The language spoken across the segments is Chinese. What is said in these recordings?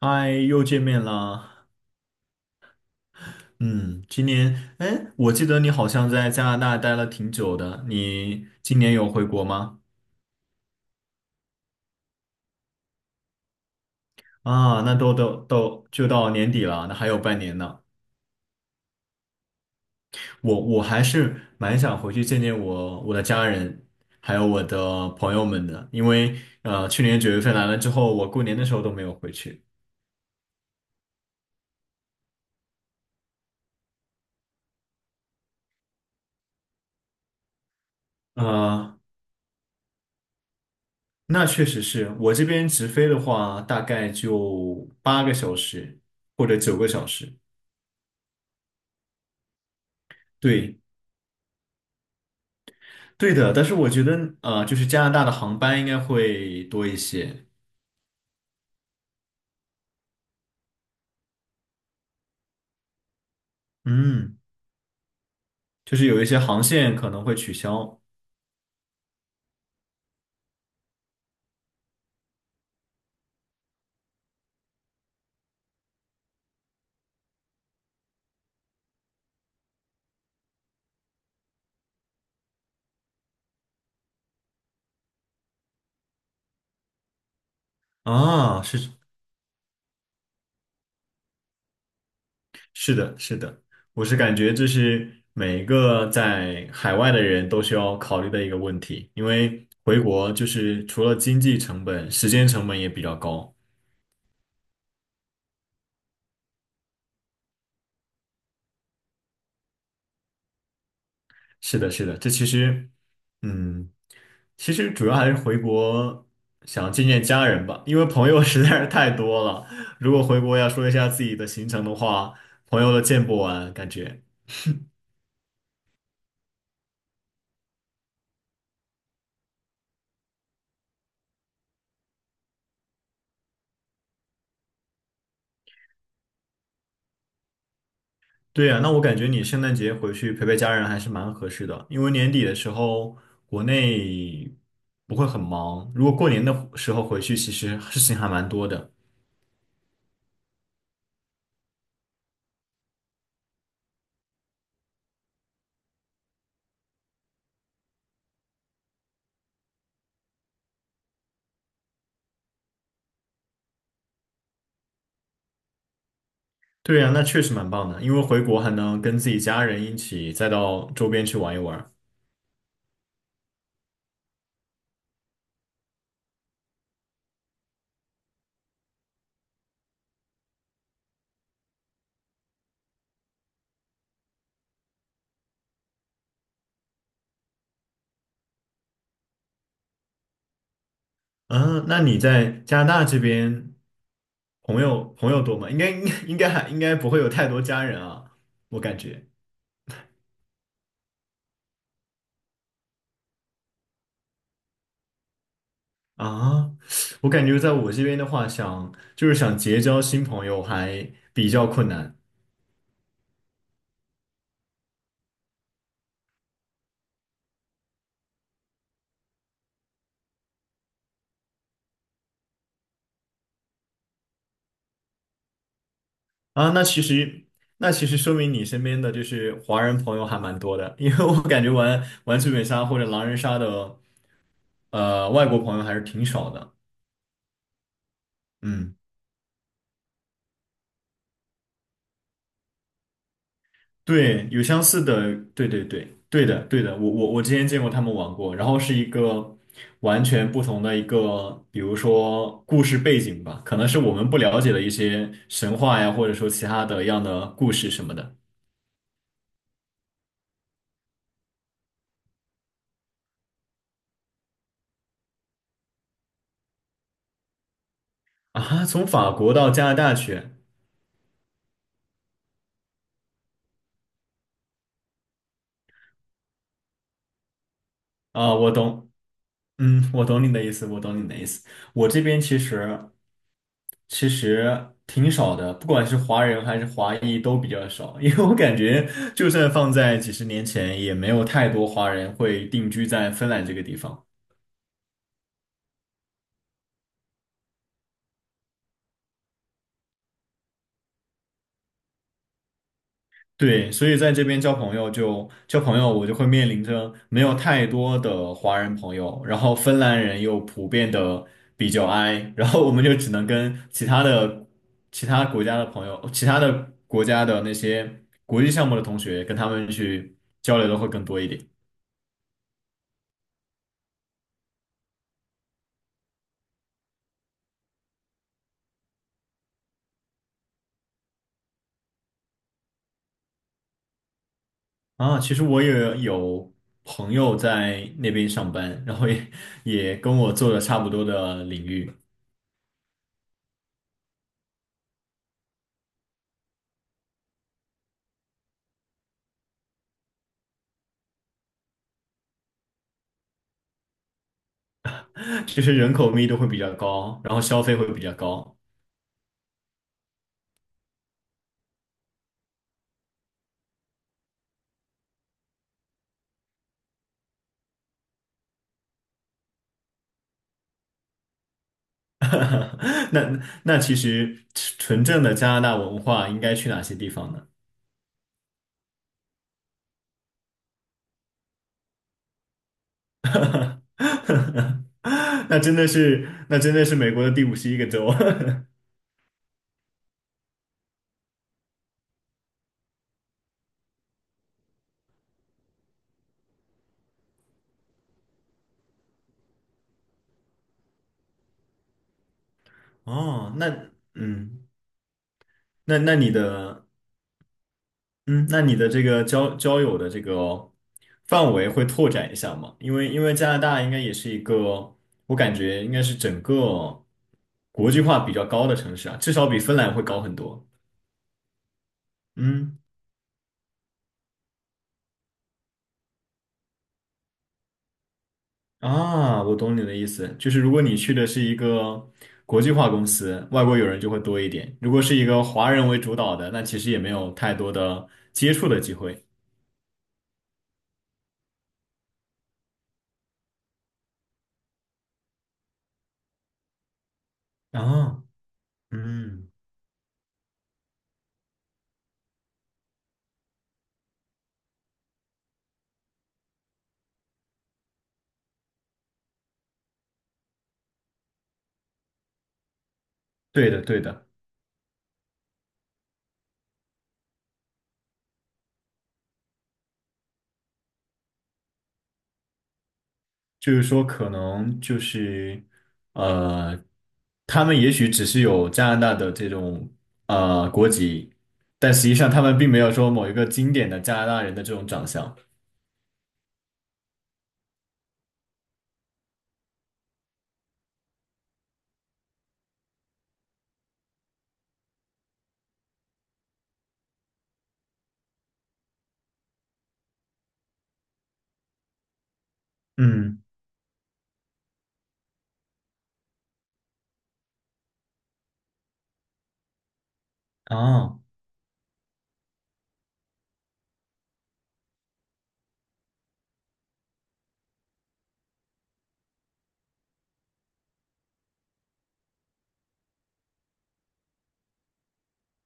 嗨，又见面了。嗯，今年，哎，我记得你好像在加拿大待了挺久的，你今年有回国吗？啊，那都就到年底了，那还有半年呢。我还是蛮想回去见见我的家人，还有我的朋友们的，因为去年9月份来了之后，我过年的时候都没有回去。啊，那确实是我这边直飞的话，大概就8个小时或者9个小时。对，对的，但是我觉得，就是加拿大的航班应该会多一些，嗯，就是有一些航线可能会取消啊，是的，是的，我是感觉这是每一个在海外的人都需要考虑的一个问题，因为回国就是除了经济成本，时间成本也比较高。是的，是的，这其实，嗯，其实主要还是回国想见见家人吧，因为朋友 实在是太多了。如果回国要说一下自己的行程的话，朋友都见不完，感觉。对呀，那我感觉你圣诞节回去陪陪家人还是蛮合适的，因为年底的时候国内不会很忙，如果过年的时候回去，其实事情还蛮多的。对呀，那确实蛮棒的，因为回国还能跟自己家人一起再到周边去玩一玩。嗯，那你在加拿大这边朋友多吗？应该应该应该还应该不会有太多家人啊，我感觉啊，我感觉在我这边的话就是想结交新朋友还比较困难啊。那其实说明你身边的就是华人朋友还蛮多的，因为我感觉玩玩剧本杀或者狼人杀的外国朋友还是挺少的。嗯。对，有相似的，对对对，对的对的，我之前见过他们玩过，然后是一个完全不同的一个，比如说故事背景吧，可能是我们不了解的一些神话呀，或者说其他的一样的故事什么的啊。从法国到加拿大去啊，我懂，我懂你的意思，我懂你的意思。我这边其实挺少的，不管是华人还是华裔都比较少，因为我感觉就算放在几十年前，也没有太多华人会定居在芬兰这个地方。对，所以在这边交朋友就交朋友，我就会面临着没有太多的华人朋友，然后芬兰人又普遍的比较 i，然后我们就只能跟其他国家的朋友、其他的国家的那些国际项目的同学，跟他们去交流的会更多一点。啊，其实我也有朋友在那边上班，然后也跟我做的差不多的领域，其实人口密度会比较高，然后消费会比较高。那其实纯正的加拿大文化应该去哪些地方呢？那真的是美国的第51个州。哦，那嗯，那那你的嗯，那你的这个交友的这个范围会拓展一下吗？因为加拿大应该也是一个，我感觉应该是整个国际化比较高的城市啊，至少比芬兰会高很多。嗯，啊，我懂你的意思，就是如果你去的是一个国际化公司，外国友人就会多一点；如果是一个华人为主导的，那其实也没有太多的接触的机会。啊，嗯，对的，对的。就是说，可能就是，呃，他们也许只是有加拿大的这种国籍，但实际上他们并没有说某一个经典的加拿大人的这种长相。嗯，啊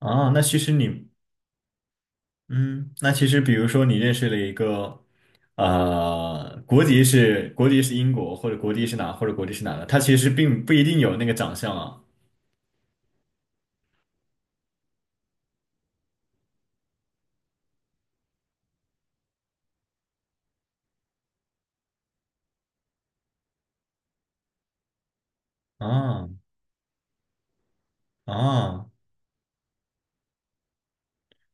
啊，那其实你，嗯，那其实比如说你认识了一个，国籍是英国，或者国籍是哪的，他其实并不一定有那个长相啊。啊啊，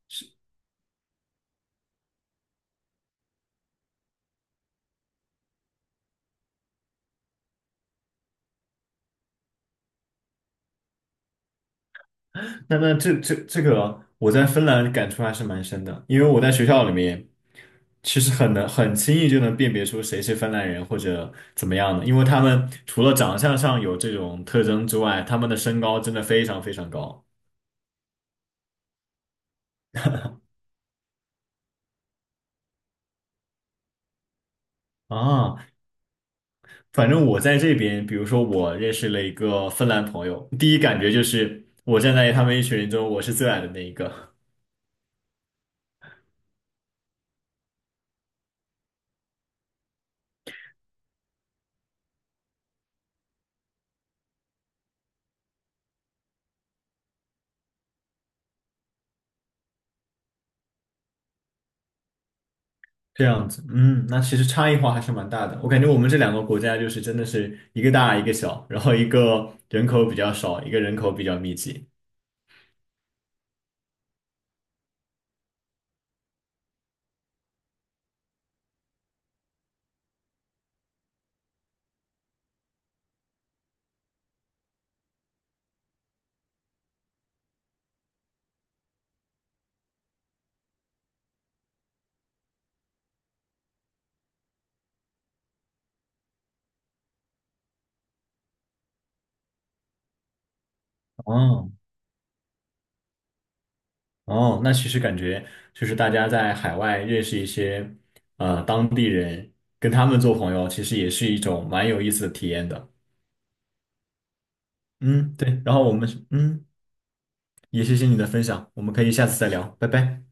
是。那那这这这个，我在芬兰感触还是蛮深的，因为我在学校里面，其实很轻易就能辨别出谁是芬兰人或者怎么样的，因为他们除了长相上有这种特征之外，他们的身高真的非常非常高啊。反正我在这边，比如说我认识了一个芬兰朋友，第一感觉就是我站在他们一群人中，我是最矮的那一个。这样子，那其实差异化还是蛮大的。我感觉我们这两个国家就是真的是一个大一个小，然后一个人口比较少，一个人口比较密集。哦哦，那其实感觉就是大家在海外认识一些当地人，跟他们做朋友，其实也是一种蛮有意思的体验的。嗯，对。然后我们是嗯，也谢谢你的分享，我们可以下次再聊，拜拜。